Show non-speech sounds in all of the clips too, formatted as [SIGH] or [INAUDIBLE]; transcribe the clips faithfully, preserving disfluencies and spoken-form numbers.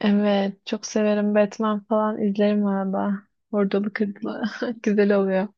Evet, çok severim. Batman falan izlerim arada. Ordalı kırdılı. [LAUGHS] Güzel oluyor.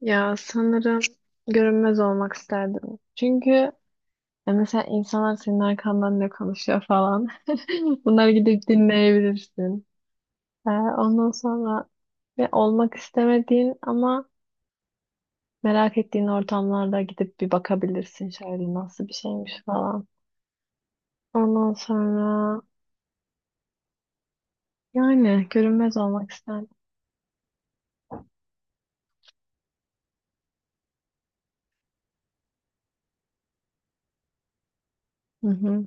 Ya sanırım görünmez olmak isterdim. Çünkü ya mesela insanlar senin arkandan ne konuşuyor falan. [LAUGHS] Bunları gidip dinleyebilirsin. Ee, ondan sonra ve olmak istemediğin ama merak ettiğin ortamlarda gidip bir bakabilirsin şöyle nasıl bir şeymiş falan. Ondan sonra yani görünmez olmak isterdim. Hı hı.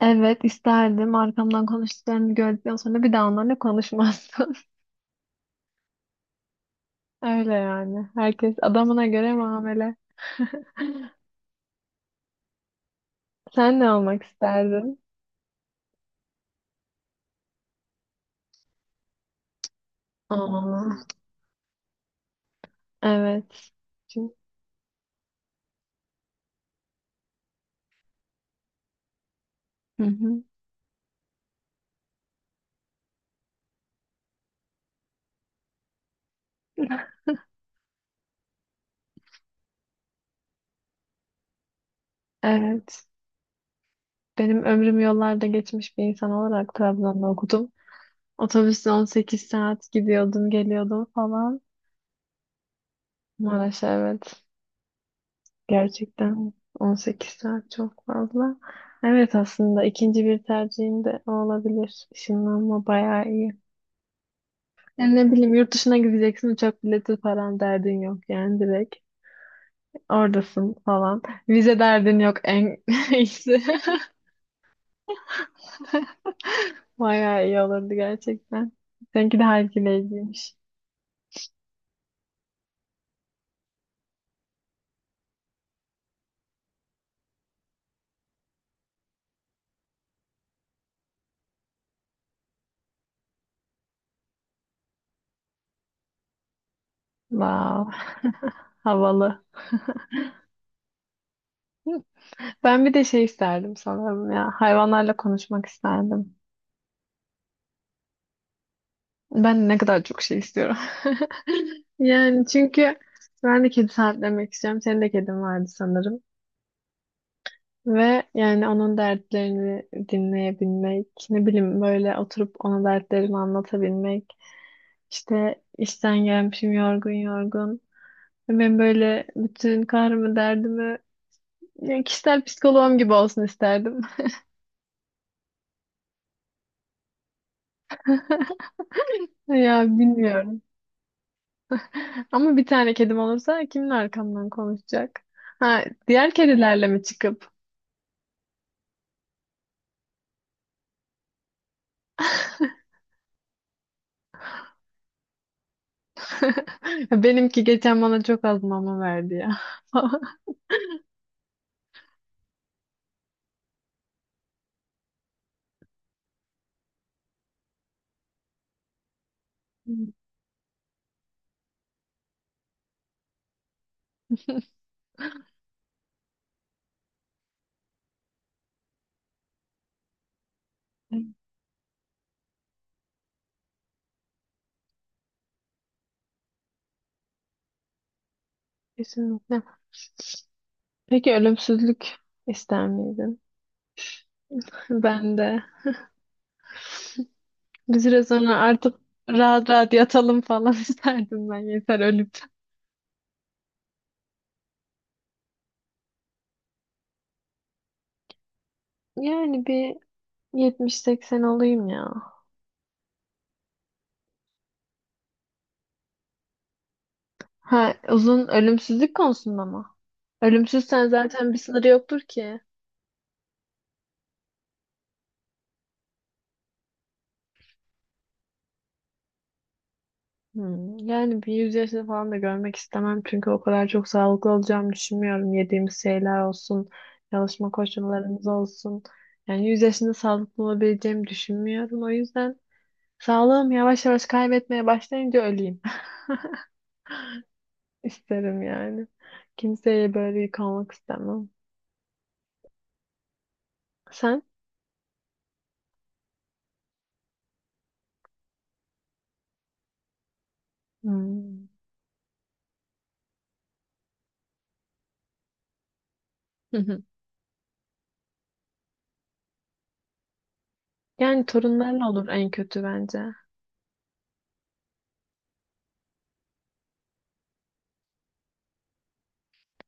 Evet isterdim. Arkamdan konuştuklarını gördükten sonra bir daha onlarla konuşmazsın. [LAUGHS] Öyle yani. Herkes adamına göre muamele. Sen ne olmak isterdin? Aa, evet. Çünkü- Hı hı. Evet. Benim ömrüm yollarda geçmiş bir insan olarak Trabzon'da okudum. Otobüsle on sekiz saat gidiyordum, geliyordum falan. Maraş'a evet. Gerçekten on sekiz saat çok fazla. Evet aslında ikinci bir tercihim de o olabilir. Işınlanma bayağı iyi. Yani ne bileyim yurt dışına gideceksin uçak bileti falan derdin yok yani direkt. Oradasın falan. Vize derdin yok en [LAUGHS] iyisi. [LAUGHS] Bayağı iyi olurdu gerçekten. Seninki de halkileyiciymiş. Wow, havalı. Ben bir de şey isterdim sanırım ya. Hayvanlarla konuşmak isterdim. Ben ne kadar çok şey istiyorum. [LAUGHS] Yani çünkü ben de kedi sahiplenmek istiyorum. Senin de kedin vardı sanırım. Ve yani onun dertlerini dinleyebilmek, ne bileyim böyle oturup ona dertlerimi anlatabilmek. İşte işten gelmişim yorgun yorgun. Ve ben böyle bütün kahrımı derdimi yani kişisel psikoloğum gibi olsun isterdim. [LAUGHS] Ya bilmiyorum. Ama bir tane kedim olursa kimin arkamdan konuşacak? Ha, diğer kedilerle mi çıkıp? [LAUGHS] [LAUGHS] Benimki geçen bana çok az mama verdi ya. [LAUGHS] Kesinlikle. Peki ölümsüzlük ister miydin? Ben de. Biz biraz sonra artık rahat rahat yatalım falan [LAUGHS] isterdim ben yeter ölüp. Yani bir yetmiş seksen olayım ya. Ha uzun ölümsüzlük konusunda mı? Ölümsüzsen zaten bir sınırı yoktur ki. Hmm, yani bir yüz yaşını falan da görmek istemem çünkü o kadar çok sağlıklı olacağımı düşünmüyorum. Yediğimiz şeyler olsun, çalışma koşullarımız olsun. Yani yüz yaşında sağlıklı olabileceğimi düşünmüyorum. O yüzden sağlığım yavaş yavaş kaybetmeye başlayınca öleyim [LAUGHS] isterim yani. Kimseye böyle yük olmak istemem. Sen? Hmm. Hı hı. Yani torunlarla olur en kötü bence.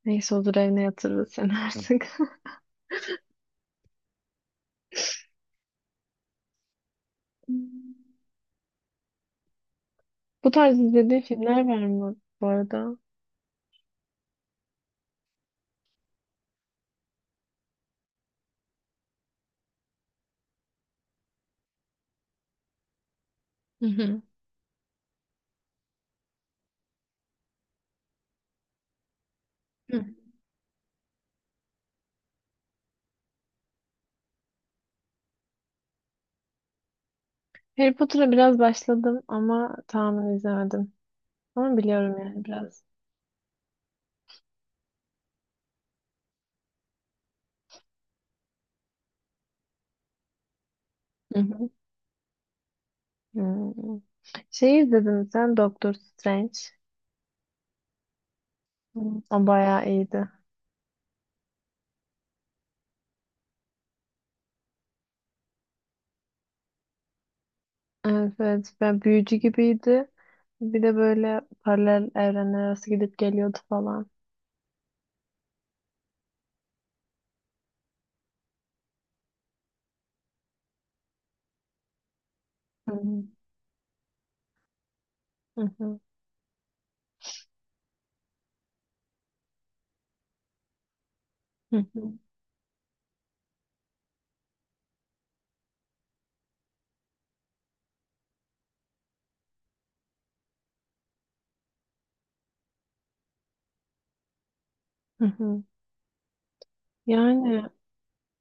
Neyse olur evine yatırırız seni artık. [LAUGHS] Bu tarz izlediğin filmler var mı bu arada? Hı hı. Hı. Harry Potter'a biraz başladım ama tamamen izlemedim. Ama biliyorum yani biraz. Hı hı. Hmm. Şey izledin mi sen Doctor Strange? Hmm. O bayağı iyiydi. Evet, evet. Ben büyücü gibiydi. Bir de böyle paralel evrenler arası gidip geliyordu falan. Hı hı. Hı hı. Hı hı. Hı hı. Yani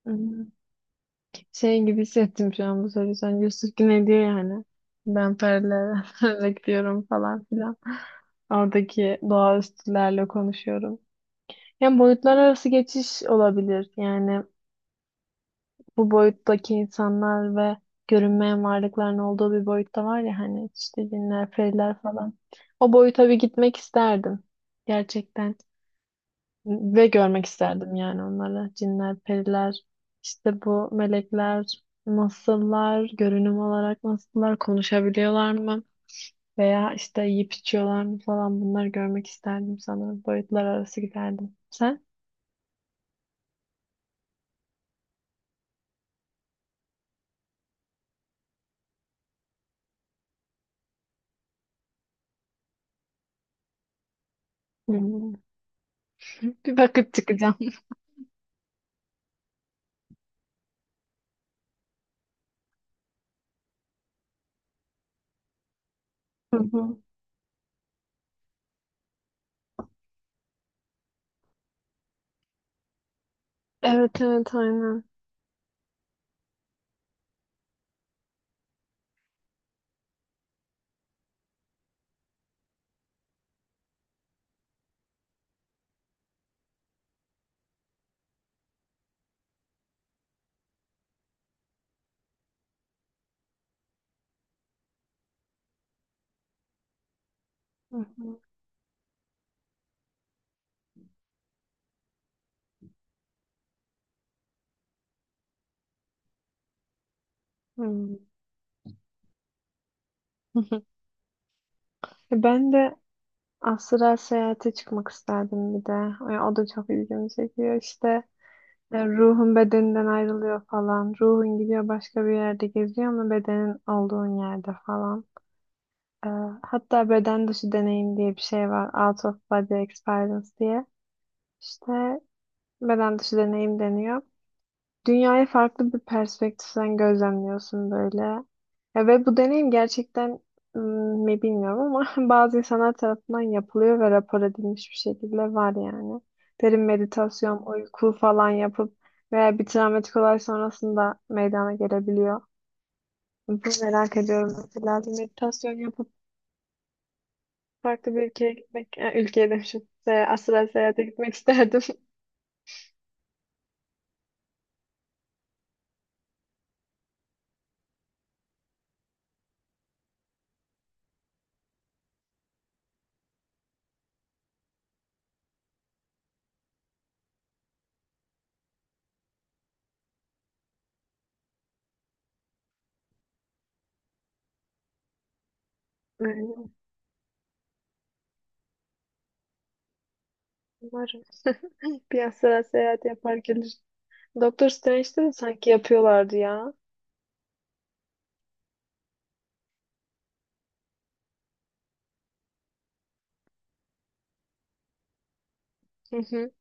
hı. Şey gibi hissettim şu an bu soruyu. Sen Yusuf Güney diyor yani. Ben perilerle [LAUGHS] bekliyorum falan filan. Oradaki doğaüstülerle konuşuyorum. Yani boyutlar arası geçiş olabilir. Yani bu boyuttaki insanlar ve görünmeyen varlıkların olduğu bir boyutta var ya hani işte cinler, periler falan. O boyuta bir gitmek isterdim. Gerçekten. Ve görmek isterdim yani onları. Cinler, periler, işte bu melekler nasıllar, görünüm olarak nasıllar, konuşabiliyorlar mı? Veya işte yiyip içiyorlar mı falan bunları görmek isterdim sanırım. Boyutlar arası giderdim. Sen? Hı hı. [LAUGHS] Bir bakıp çıkacağım. [LAUGHS] Hı hı. Evet evet aynen. Hı hı. Hı. Hı [LAUGHS] hı. Ben de astral seyahate çıkmak isterdim bir de. Ya o da çok ilgimi çekiyor işte. Ya ruhun bedeninden ayrılıyor falan. Ruhun gidiyor başka bir yerde geziyor ama bedenin olduğun yerde falan. Ee, hatta beden dışı deneyim diye bir şey var. Out of body experience diye. İşte beden dışı deneyim deniyor. Dünyayı farklı bir perspektiften gözlemliyorsun böyle. Ya ve bu deneyim gerçekten ım, mi bilmiyorum ama [LAUGHS] bazı insanlar tarafından yapılıyor ve rapor edilmiş bir şekilde var yani. Derin meditasyon, uyku falan yapıp veya bir travmatik olay sonrasında meydana gelebiliyor. Bunu merak ediyorum mesela. Bir meditasyon yapıp farklı bir ülkeye gitmek, e, ülkeye demişim. Se- Asla seyahate gitmek isterdim. [LAUGHS] Yani umarım [LAUGHS] bir asla seyahat yapar gelir. Doktor Strange'de de sanki yapıyorlardı ya. Hı hı.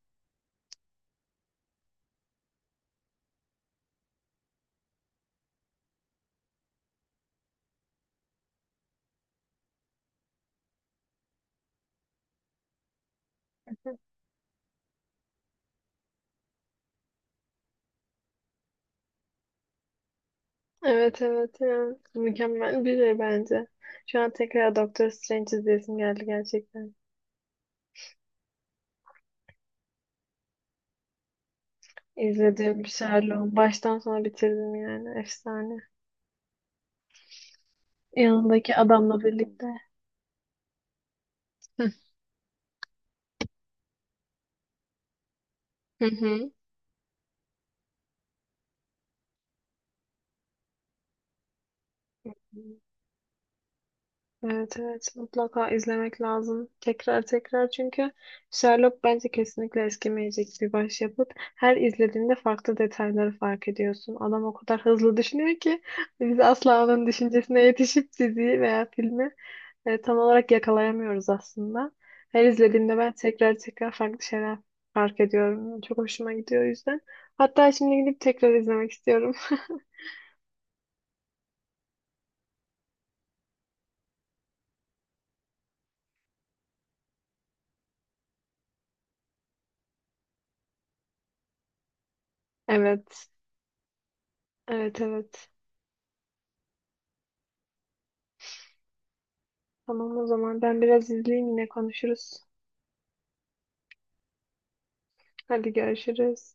Evet evet ya. Mükemmel bir şey bence. Şu an tekrar Doktor Strange izleyesim geldi gerçekten. İzledim Sherlock. Baştan sona bitirdim yani. Efsane. Yanındaki adamla birlikte. Hı hı. Hı. Evet evet mutlaka izlemek lazım. Tekrar tekrar çünkü Sherlock bence kesinlikle eskimeyecek bir başyapıt. Her izlediğinde farklı detayları fark ediyorsun. Adam o kadar hızlı düşünüyor ki biz asla onun düşüncesine yetişip diziyi veya filmi e, tam olarak yakalayamıyoruz aslında. Her izlediğimde ben tekrar tekrar farklı şeyler fark ediyorum. Çok hoşuma gidiyor o yüzden. Hatta şimdi gidip tekrar izlemek istiyorum. [LAUGHS] Evet. Evet evet. Tamam o zaman ben biraz izleyeyim yine konuşuruz. Hadi görüşürüz.